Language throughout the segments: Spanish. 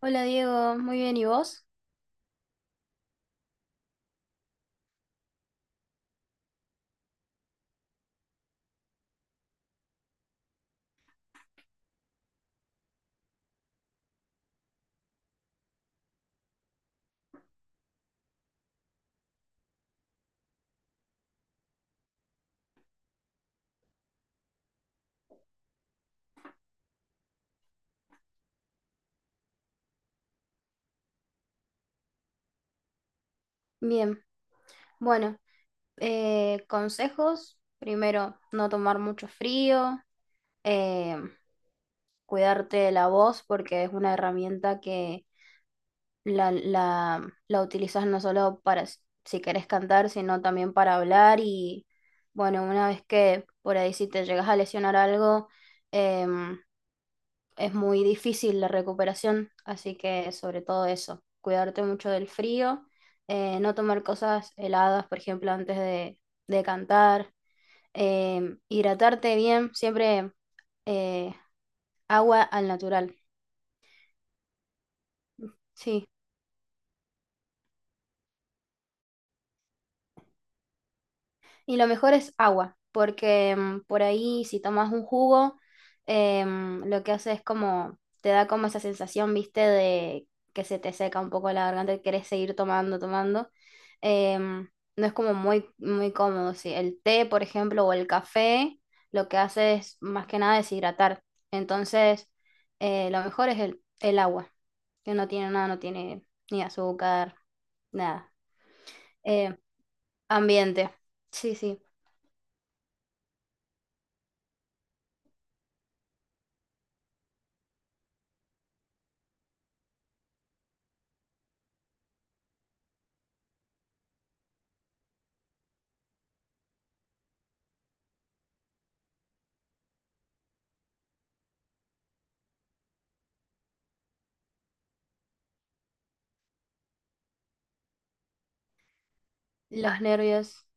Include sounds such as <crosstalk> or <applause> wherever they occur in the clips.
Hola Diego, muy bien, ¿y vos? Bien, bueno, consejos, primero, no tomar mucho frío, eh, cuidarte de la voz porque es una herramienta que la, la, la utilizas no solo para si querés cantar, sino también para hablar. Y bueno, una vez que por ahí si te llegas a lesionar algo, em, es muy difícil la recuperación, así que sobre todo eso, cuidarte mucho del frío, no tomar cosas heladas, por ejemplo, antes de cantar, hidratarte bien, siempre eh, agua al natural, sí. Y lo mejor es agua, porque por ahí si tomas un jugo, lo que hace es como, te da como esa sensación, viste, de que se te seca un poco la garganta y querés seguir tomando, tomando. Em, no es como muy, muy cómodo, sí. El té, por ejemplo, o el café, lo que hace es más que nada deshidratar. Entonces, lo mejor es el agua, que no tiene nada, no tiene ni azúcar, nada. Eh, ambiente, sí, sí. Los nervios.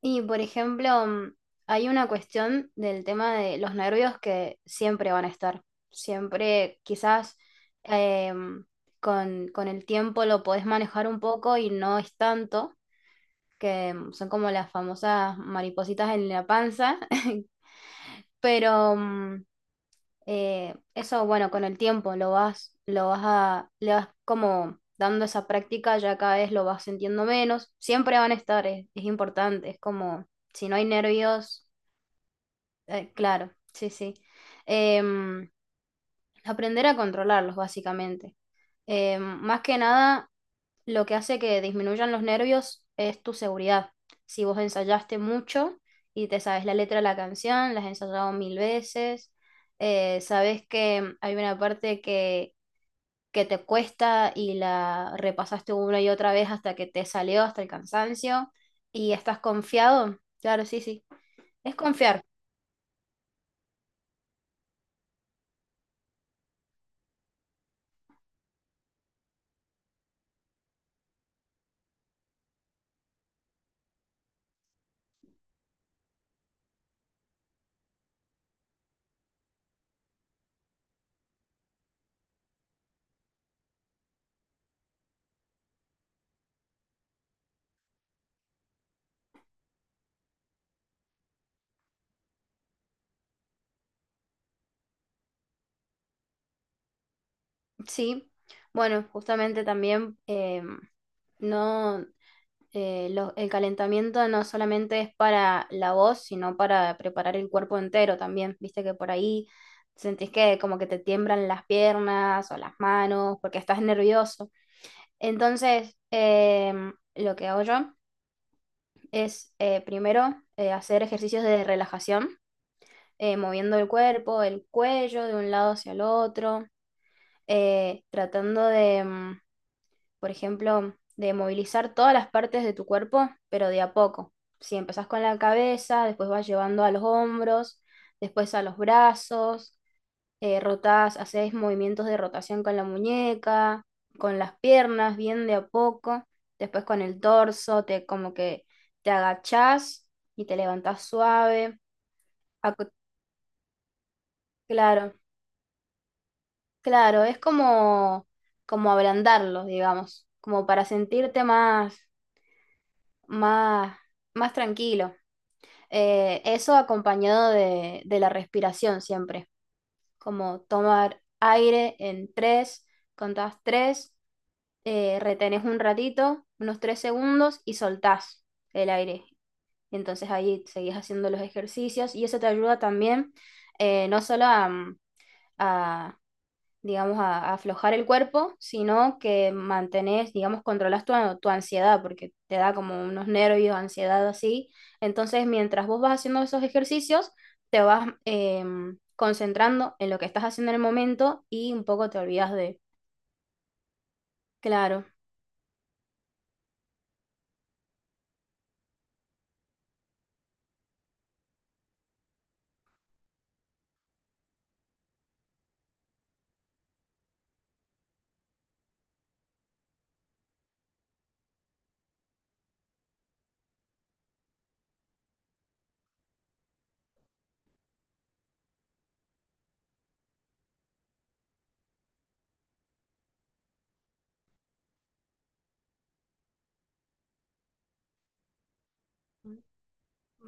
Y por ejemplo, hay una cuestión del tema de los nervios que siempre van a estar. Siempre, quizás em, con el tiempo lo podés manejar un poco y no es tanto, que son como las famosas maripositas en la panza, <laughs> pero eso, bueno, con el tiempo le vas como dando esa práctica, ya cada vez lo vas sintiendo menos. Siempre van a estar, es importante, es como, si no hay nervios, claro, sí, sí. Em, aprender a controlarlos, básicamente. Em, más que nada, lo que hace que disminuyan los nervios es tu seguridad. Si vos ensayaste mucho y te sabes la letra de la canción, la has ensayado mil veces, sabes que hay una parte que te cuesta y la repasaste una y otra vez hasta que te salió, hasta el cansancio, y estás confiado, claro, sí, sí. Es confiar, sí. Bueno, justamente también no, el calentamiento no solamente es para la voz, sino para preparar el cuerpo entero también. Viste que por ahí sentís que como que te tiemblan las piernas o las manos porque estás nervioso. Entonces, lo que hago yo es primero hacer ejercicios de relajación, moviendo el cuerpo, el cuello de un lado hacia el otro, tratando por ejemplo, de movilizar todas las partes de tu cuerpo, pero de a poco. Si empezás con la cabeza, después vas llevando a los hombros, después a los brazos, rotás, hacés movimientos de rotación con la muñeca, con las piernas, bien de a poco, después con el torso, te como que te agachás y te levantás suave. Acu- Claro, claro, es como ablandarlos, digamos, como para sentirte más, más, más tranquilo. Eso acompañado de la respiración siempre, como tomar aire en tres, contás tres, retenés un ratito, unos 3 segundos y soltás el aire. Entonces ahí seguís haciendo los ejercicios y eso te ayuda también no solo a, a digamos, a aflojar el cuerpo, sino que mantenés, digamos, controlás tu ansiedad, porque te da como unos nervios, ansiedad así. Entonces, mientras vos vas haciendo esos ejercicios, te vas concentrando en lo que estás haciendo en el momento y un poco te olvidas de, claro,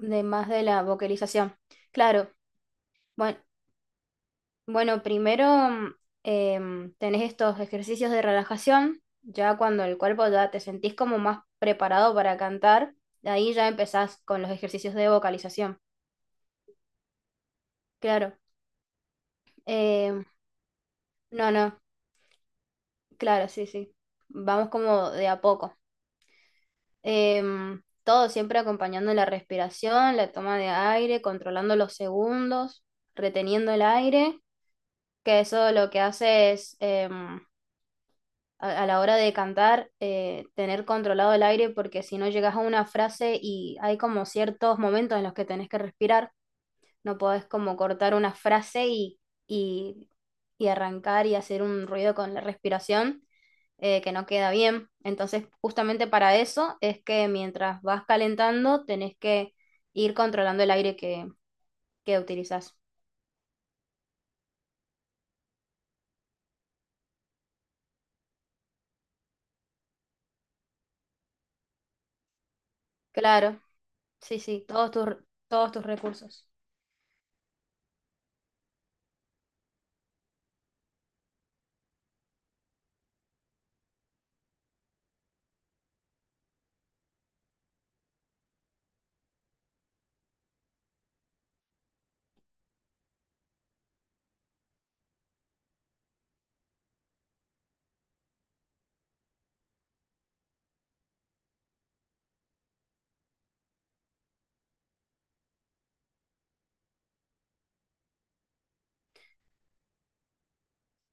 de más de la vocalización. Claro, bueno, bueno, primero tenés estos ejercicios de relajación, ya cuando el cuerpo ya te sentís como más preparado para cantar, de ahí ya empezás con los ejercicios de vocalización. Claro. Em, no, no, claro, sí, sí. Vamos como de a poco. Todo siempre acompañando la respiración, la toma de aire, controlando los segundos, reteniendo el aire, que eso lo que hace es, a la hora de cantar, tener controlado el aire, porque si no llegas a una frase y hay como ciertos momentos en los que tenés que respirar, no podés como cortar una frase y, y arrancar y hacer un ruido con la respiración que no queda bien. Entonces, justamente para eso es que mientras vas calentando, tenés que ir controlando el aire que utilizás. Claro, sí, sí, todos tus recursos.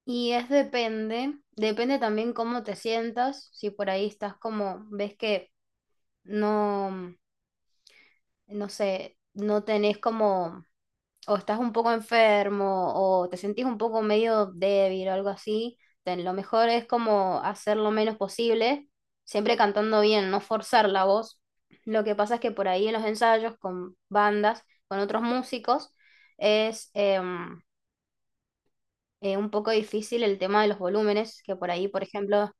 Y es depende también cómo te sientas, si por ahí estás como, ves que no, no sé, no tenés como, o estás un poco enfermo, o te sentís un poco medio débil o algo así, lo mejor es como hacer lo menos posible, siempre cantando bien, no forzar la voz. Lo que pasa es que por ahí en los ensayos con bandas, con otros músicos, es un poco difícil el tema de los volúmenes, que por ahí, por ejemplo,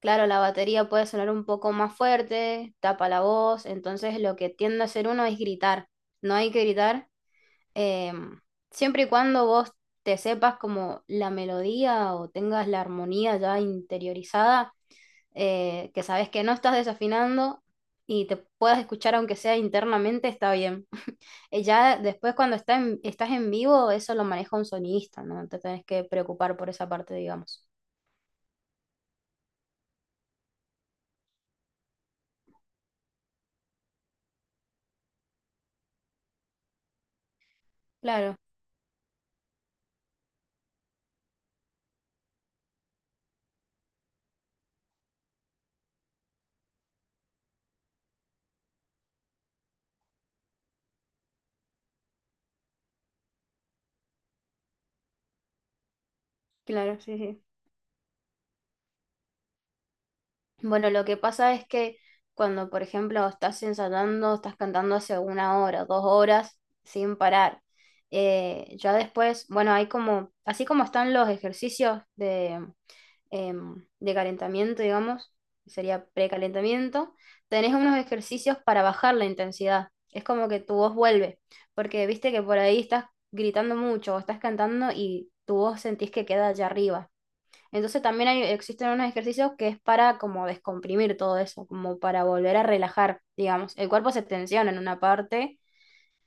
claro, la batería puede sonar un poco más fuerte, tapa la voz, entonces lo que tiende a hacer uno es gritar. No hay que gritar, eh, siempre y cuando vos te sepas como la melodía o tengas la armonía ya interiorizada, que sabes que no estás desafinando y te puedas escuchar aunque sea internamente, está bien. <laughs> Ya después cuando estás en vivo, eso lo maneja un sonidista, no te tenés que preocupar por esa parte, digamos. Claro, claro, sí, sí. Bueno, lo que pasa es que cuando, por ejemplo, estás ensayando, estás cantando hace 1 hora, 2 horas, sin parar, ya después, bueno, hay como, así como están los ejercicios de calentamiento, digamos, sería precalentamiento, tenés unos ejercicios para bajar la intensidad. Es como que tu voz vuelve, porque viste que por ahí estás gritando mucho o estás cantando y tu voz sentís que queda allá arriba. Entonces también existen unos ejercicios que es para como descomprimir todo eso, como para volver a relajar, digamos. El cuerpo se tensiona en una parte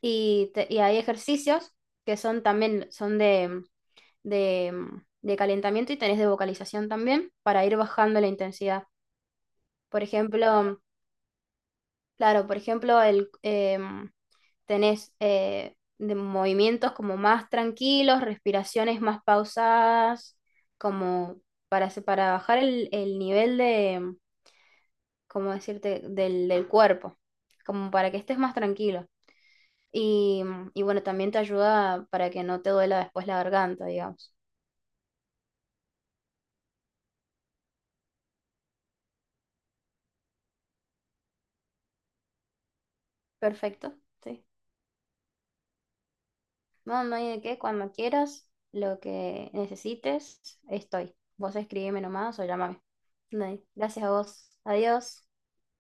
y hay ejercicios que son también son de, de calentamiento y tenés de vocalización también para ir bajando la intensidad. Por ejemplo, Claro, por ejemplo, tenés de movimientos como más tranquilos, respiraciones más pausadas, como para bajar el nivel ¿cómo decirte?, del cuerpo, como para que estés más tranquilo. Y, y bueno, también te ayuda para que no te duela después la garganta, digamos. Perfecto, sí. Mamá, ¿y de qué? Cuando quieras, lo que necesites, estoy. Vos escribime nomás o llámame. Dale, gracias a vos. Adiós.